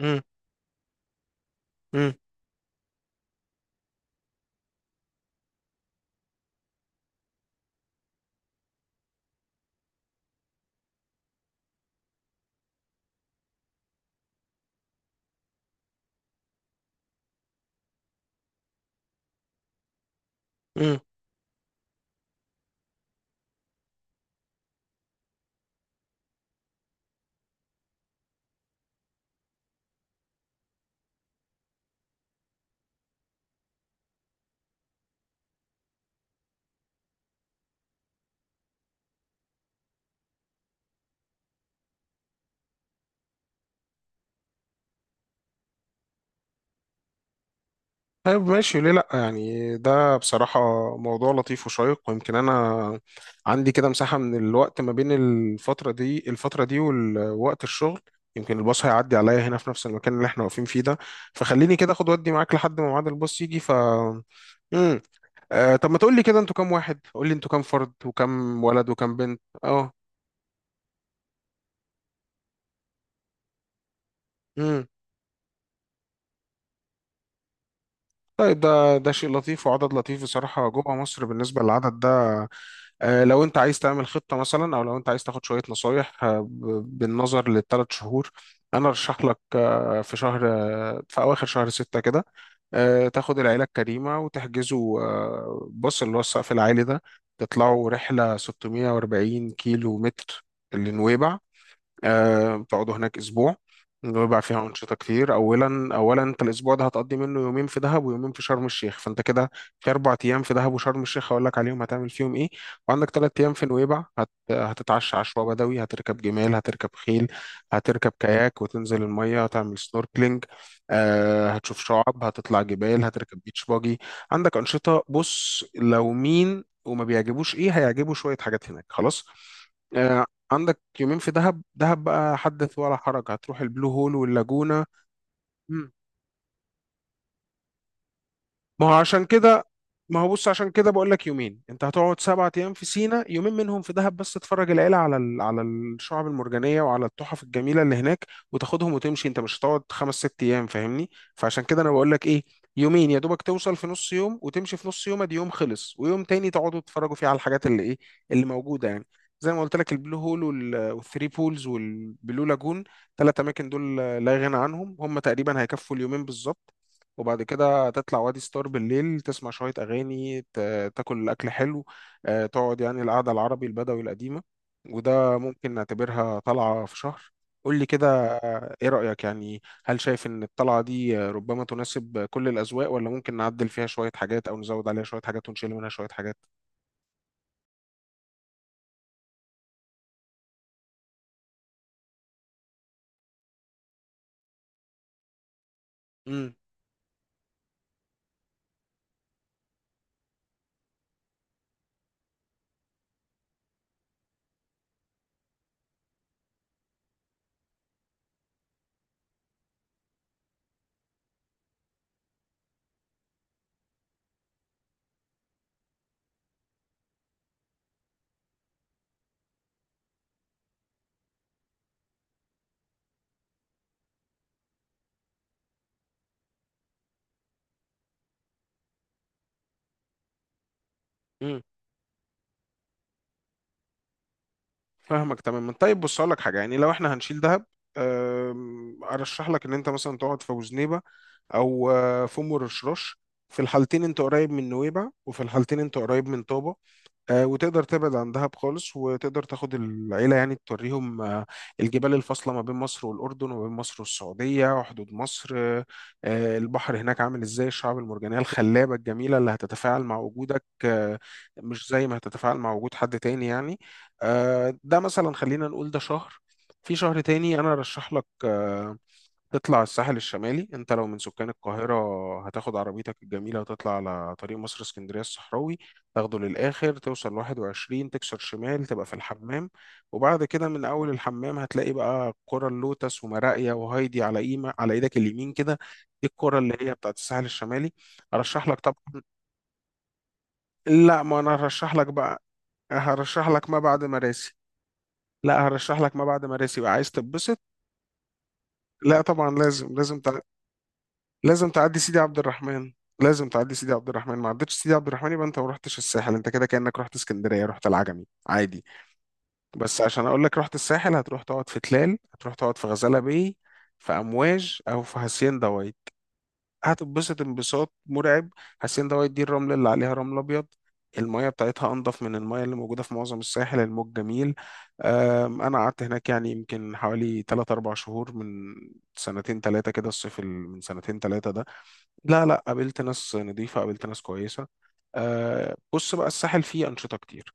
امم امم امم طيب، ماشي. ليه لا؟ يعني ده بصراحة موضوع لطيف وشيق، ويمكن أنا عندي كده مساحة من الوقت ما بين الفترة دي ووقت الشغل. يمكن الباص هيعدي عليا هنا في نفس المكان اللي احنا واقفين فيه ده، فخليني كده اخد ودي معاك لحد ما ميعاد الباص يجي. ف امم آه طب ما تقول لي كده، انتوا كام واحد؟ قول لي انتوا كام فرد وكم ولد وكم بنت؟ اه امم طيب، ده شيء لطيف وعدد لطيف بصراحة. جوه مصر بالنسبة للعدد ده، لو انت عايز تعمل خطة مثلا او لو انت عايز تاخد شوية نصايح، بالنظر للثلاث شهور، انا ارشح لك في شهر، في اواخر شهر ستة كده، تاخد العيلة الكريمة وتحجزوا، بص اللي هو السقف العالي ده، تطلعوا رحلة 640 كيلو متر لنويبع. بتقعدوا هناك اسبوع، بيبقى فيها انشطه كتير. اولا انت الاسبوع ده هتقضي منه يومين في دهب ويومين في شرم الشيخ، فانت كده في 4 ايام في دهب وشرم الشيخ هقول لك عليهم هتعمل فيهم ايه. وعندك 3 ايام في نويبع هتتعشى عشوه بدوي، هتركب جمال، هتركب خيل، هتركب كاياك وتنزل الميه، هتعمل سنوركلينج. آه هتشوف شعاب، هتطلع جبال، هتركب بيتش باجي. عندك انشطه، بص لو مين وما بيعجبوش ايه هيعجبه شويه حاجات هناك خلاص. آه، عندك يومين في دهب. دهب بقى حدث ولا حرج، هتروح البلو هول واللاجونة. مم. ما هو عشان كده ما هو بص عشان كده بقول لك يومين. انت هتقعد 7 ايام في سينا، يومين منهم في دهب بس تتفرج العيله على على الشعب المرجانيه وعلى التحف الجميله اللي هناك وتاخدهم وتمشي. انت مش هتقعد خمس ست ايام، فاهمني؟ فعشان كده انا بقول لك ايه، يومين يا دوبك، توصل في نص يوم وتمشي في نص يوم، ادي يوم خلص، ويوم تاني تقعدوا تتفرجوا فيه على الحاجات اللي ايه اللي موجوده يعني. زي ما قلت لك البلو هول والثري بولز والبلو لاجون، 3 اماكن دول لا غنى عنهم، هم تقريبا هيكفوا اليومين بالظبط. وبعد كده تطلع وادي ستار بالليل، تسمع شوية أغاني، تاكل أكل حلو، تقعد يعني القعدة العربي البدوي القديمة. وده ممكن نعتبرها طلعة في شهر. قول لي كده، إيه رأيك؟ يعني هل شايف إن الطلعة دي ربما تناسب كل الأذواق، ولا ممكن نعدل فيها شوية حاجات أو نزود عليها شوية حاجات ونشيل منها شوية حاجات؟ مم. فاهمك تماما. طيب بص اقول لك حاجه، يعني لو احنا هنشيل دهب، ارشح لك ان انت مثلا تقعد في وزنيبه او في ام الرشراش. في الحالتين انت قريب من نويبع وفي الحالتين انت قريب من طابه، وتقدر تبعد عن دهب خالص، وتقدر تاخد العيلة يعني توريهم الجبال الفاصلة ما بين مصر والأردن وما بين مصر والسعودية وحدود مصر، البحر هناك عامل ازاي، الشعاب المرجانية الخلابة الجميلة اللي هتتفاعل مع وجودك مش زي ما هتتفاعل مع وجود حد تاني يعني. ده مثلا خلينا نقول ده شهر. في شهر تاني أنا أرشح لك تطلع الساحل الشمالي. انت لو من سكان القاهرة هتاخد عربيتك الجميلة وتطلع على طريق مصر اسكندرية الصحراوي، تاخده للآخر، توصل لواحد وعشرين تكسر شمال تبقى في الحمام. وبعد كده من أول الحمام هتلاقي بقى قرى اللوتس ومراقيا وهايدي على إيمة على إيدك اليمين كده. دي القرى اللي هي بتاعت الساحل الشمالي. أرشح لك طبعا. لا، ما أنا هرشح لك بقى، هرشح لك ما بعد مراسي. لا، هرشح لك ما بعد مراسي بقى، عايز تتبسط؟ لا طبعا، لازم لازم، لازم تعدي سيدي عبد الرحمن. لازم تعدي سيدي عبد الرحمن، ما عدتش سيدي عبد الرحمن يبقى انت ما رحتش الساحل، انت كده كأنك رحت اسكندرية، رحت العجمي عادي. بس عشان اقول لك رحت الساحل، هتروح تقعد في تلال، هتروح تقعد في غزالة باي، في امواج او في هاسيندا وايت. هتتبسط انبساط مرعب. هاسيندا وايت دي الرمل اللي عليها رمل ابيض، المية بتاعتها انضف من المية اللي موجودة في معظم الساحل، الموج جميل. انا قعدت هناك يعني يمكن حوالي 3 4 شهور من سنتين ثلاثة كده، الصيف من سنتين ثلاثة. لا لا، قابلت ناس نظيفة، قابلت ناس كويسة. أه بص بقى، الساحل فيه أنشطة كتير،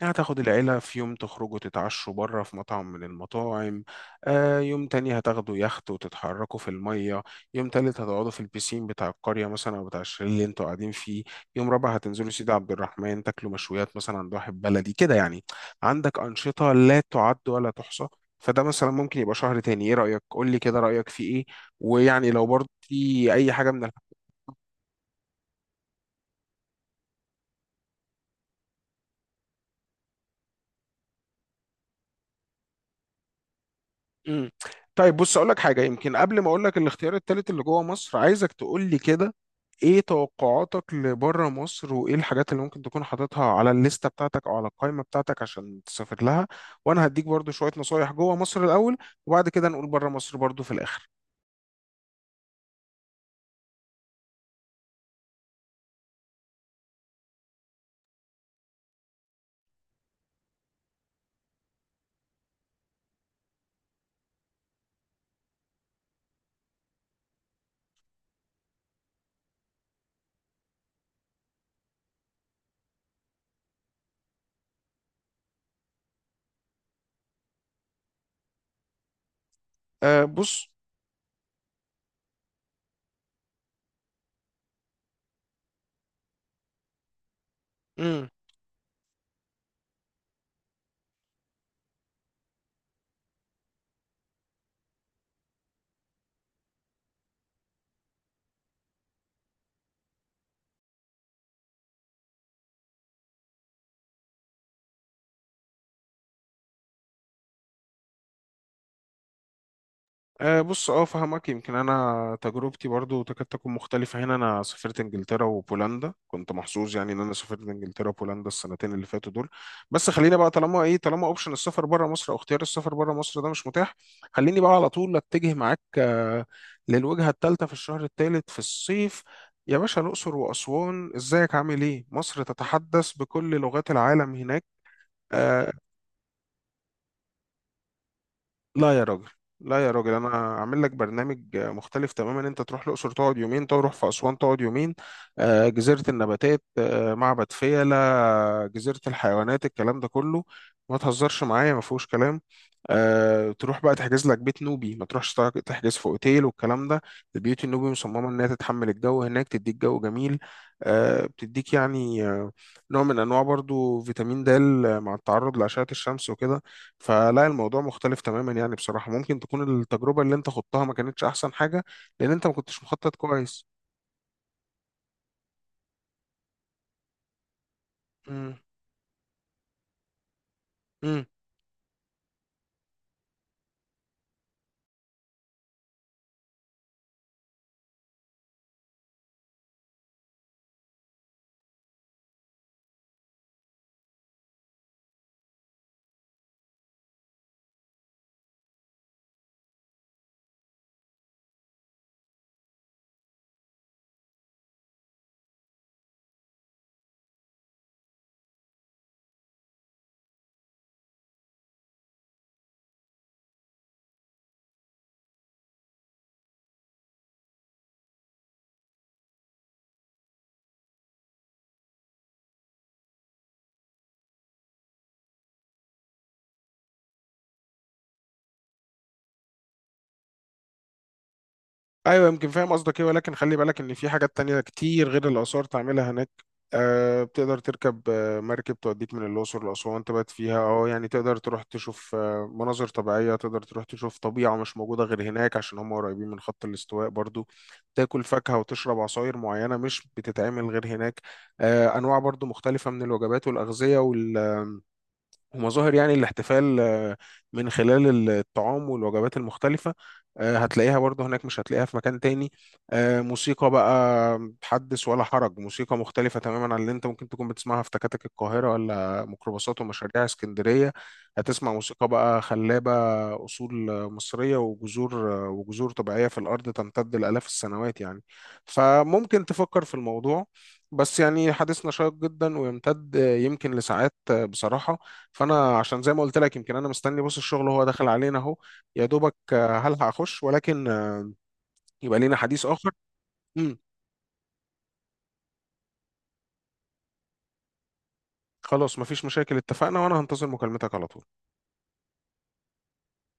يعني هتاخد العيلة في يوم تخرجوا تتعشوا بره في مطعم من المطاعم. أه يوم تاني هتاخدوا يخت وتتحركوا في المية. يوم تالت هتقعدوا في البيسين بتاع القرية مثلا أو بتاع الشاليه اللي انتوا قاعدين فيه. يوم رابع هتنزلوا سيدي عبد الرحمن تاكلوا مشويات مثلا عند واحد بلدي كده يعني. عندك أنشطة لا تعد ولا تحصى. فده مثلا ممكن يبقى شهر تاني، ايه رأيك؟ قول لي كده رأيك في ايه؟ ويعني لو برضه في اي حاجة من... مم. طيب بص اقول لك حاجه، يمكن قبل ما اقول لك الاختيار التالت اللي جوه مصر، عايزك تقول لي كده ايه توقعاتك لبره مصر، وايه الحاجات اللي ممكن تكون حاططها على الليسته بتاعتك او على القائمه بتاعتك عشان تسافر لها. وانا هديك برضو شويه نصايح جوه مصر الاول، وبعد كده نقول بره مصر برضو في الاخر. بص. بص، فهمك. يمكن انا تجربتي برضو تكاد تكون مختلفه هنا، انا سافرت انجلترا وبولندا، كنت محظوظ يعني ان انا سافرت انجلترا وبولندا السنتين اللي فاتوا دول. بس خلينا بقى، طالما اوبشن السفر بره مصر او اختيار السفر بره مصر ده مش متاح، خليني بقى على طول اتجه معاك للوجهه الثالثه في الشهر الثالث في الصيف. يا باشا الاقصر واسوان، ازيك عامل ايه؟ مصر تتحدث بكل لغات العالم هناك. آه، لا يا راجل، لا يا راجل، انا عامل لك برنامج مختلف تماما، انت تروح الاقصر تقعد يومين، تروح في اسوان تقعد يومين، جزيره النباتات، معبد فيلة، جزيره الحيوانات، الكلام ده كله، ما تهزرش معايا، ما فيهوش كلام. تروح بقى تحجز لك بيت نوبي، ما تروحش تحجز في اوتيل والكلام ده. البيوت النوبي مصممه انها تتحمل الجو هناك، تديك جو جميل، بتديك يعني نوع من انواع برضو فيتامين د مع التعرض لاشعه الشمس وكده. فلا الموضوع مختلف تماما يعني بصراحة، ممكن تكون التجربة اللي انت خضتها ما كانتش احسن حاجة لان انت ما كنتش مخطط كويس. امم ايوه، يمكن فاهم قصدك ايه، ولكن خلي بالك ان في حاجات تانية كتير غير الاثار تعملها هناك. أه بتقدر تركب مركب توديك من الاقصر لاسوان تبات فيها اه، يعني تقدر تروح تشوف مناظر طبيعيه، تقدر تروح تشوف طبيعه مش موجوده غير هناك، عشان هم قريبين من خط الاستواء برضو. تاكل فاكهه وتشرب عصاير معينه مش بتتعمل غير هناك. أه انواع برضو مختلفه من الوجبات والاغذيه، ومظاهر يعني الاحتفال من خلال الطعام والوجبات المختلفة هتلاقيها برضو هناك مش هتلاقيها في مكان تاني. موسيقى بقى حدث ولا حرج، موسيقى مختلفة تماما عن اللي انت ممكن تكون بتسمعها في تكاتك القاهرة ولا ميكروباصات ومشاريع اسكندرية. هتسمع موسيقى بقى خلابة، أصول مصرية وجذور وجذور طبيعية في الأرض تمتد لآلاف السنوات يعني. فممكن تفكر في الموضوع. بس يعني حديثنا شيق جدا ويمتد يمكن لساعات بصراحة، فانا عشان زي ما قلت لك يمكن انا مستني، بص الشغل وهو داخل علينا اهو، يا دوبك هل هخش، ولكن يبقى لينا حديث اخر. امم خلاص مفيش مشاكل، اتفقنا، وانا هنتظر مكالمتك على طول.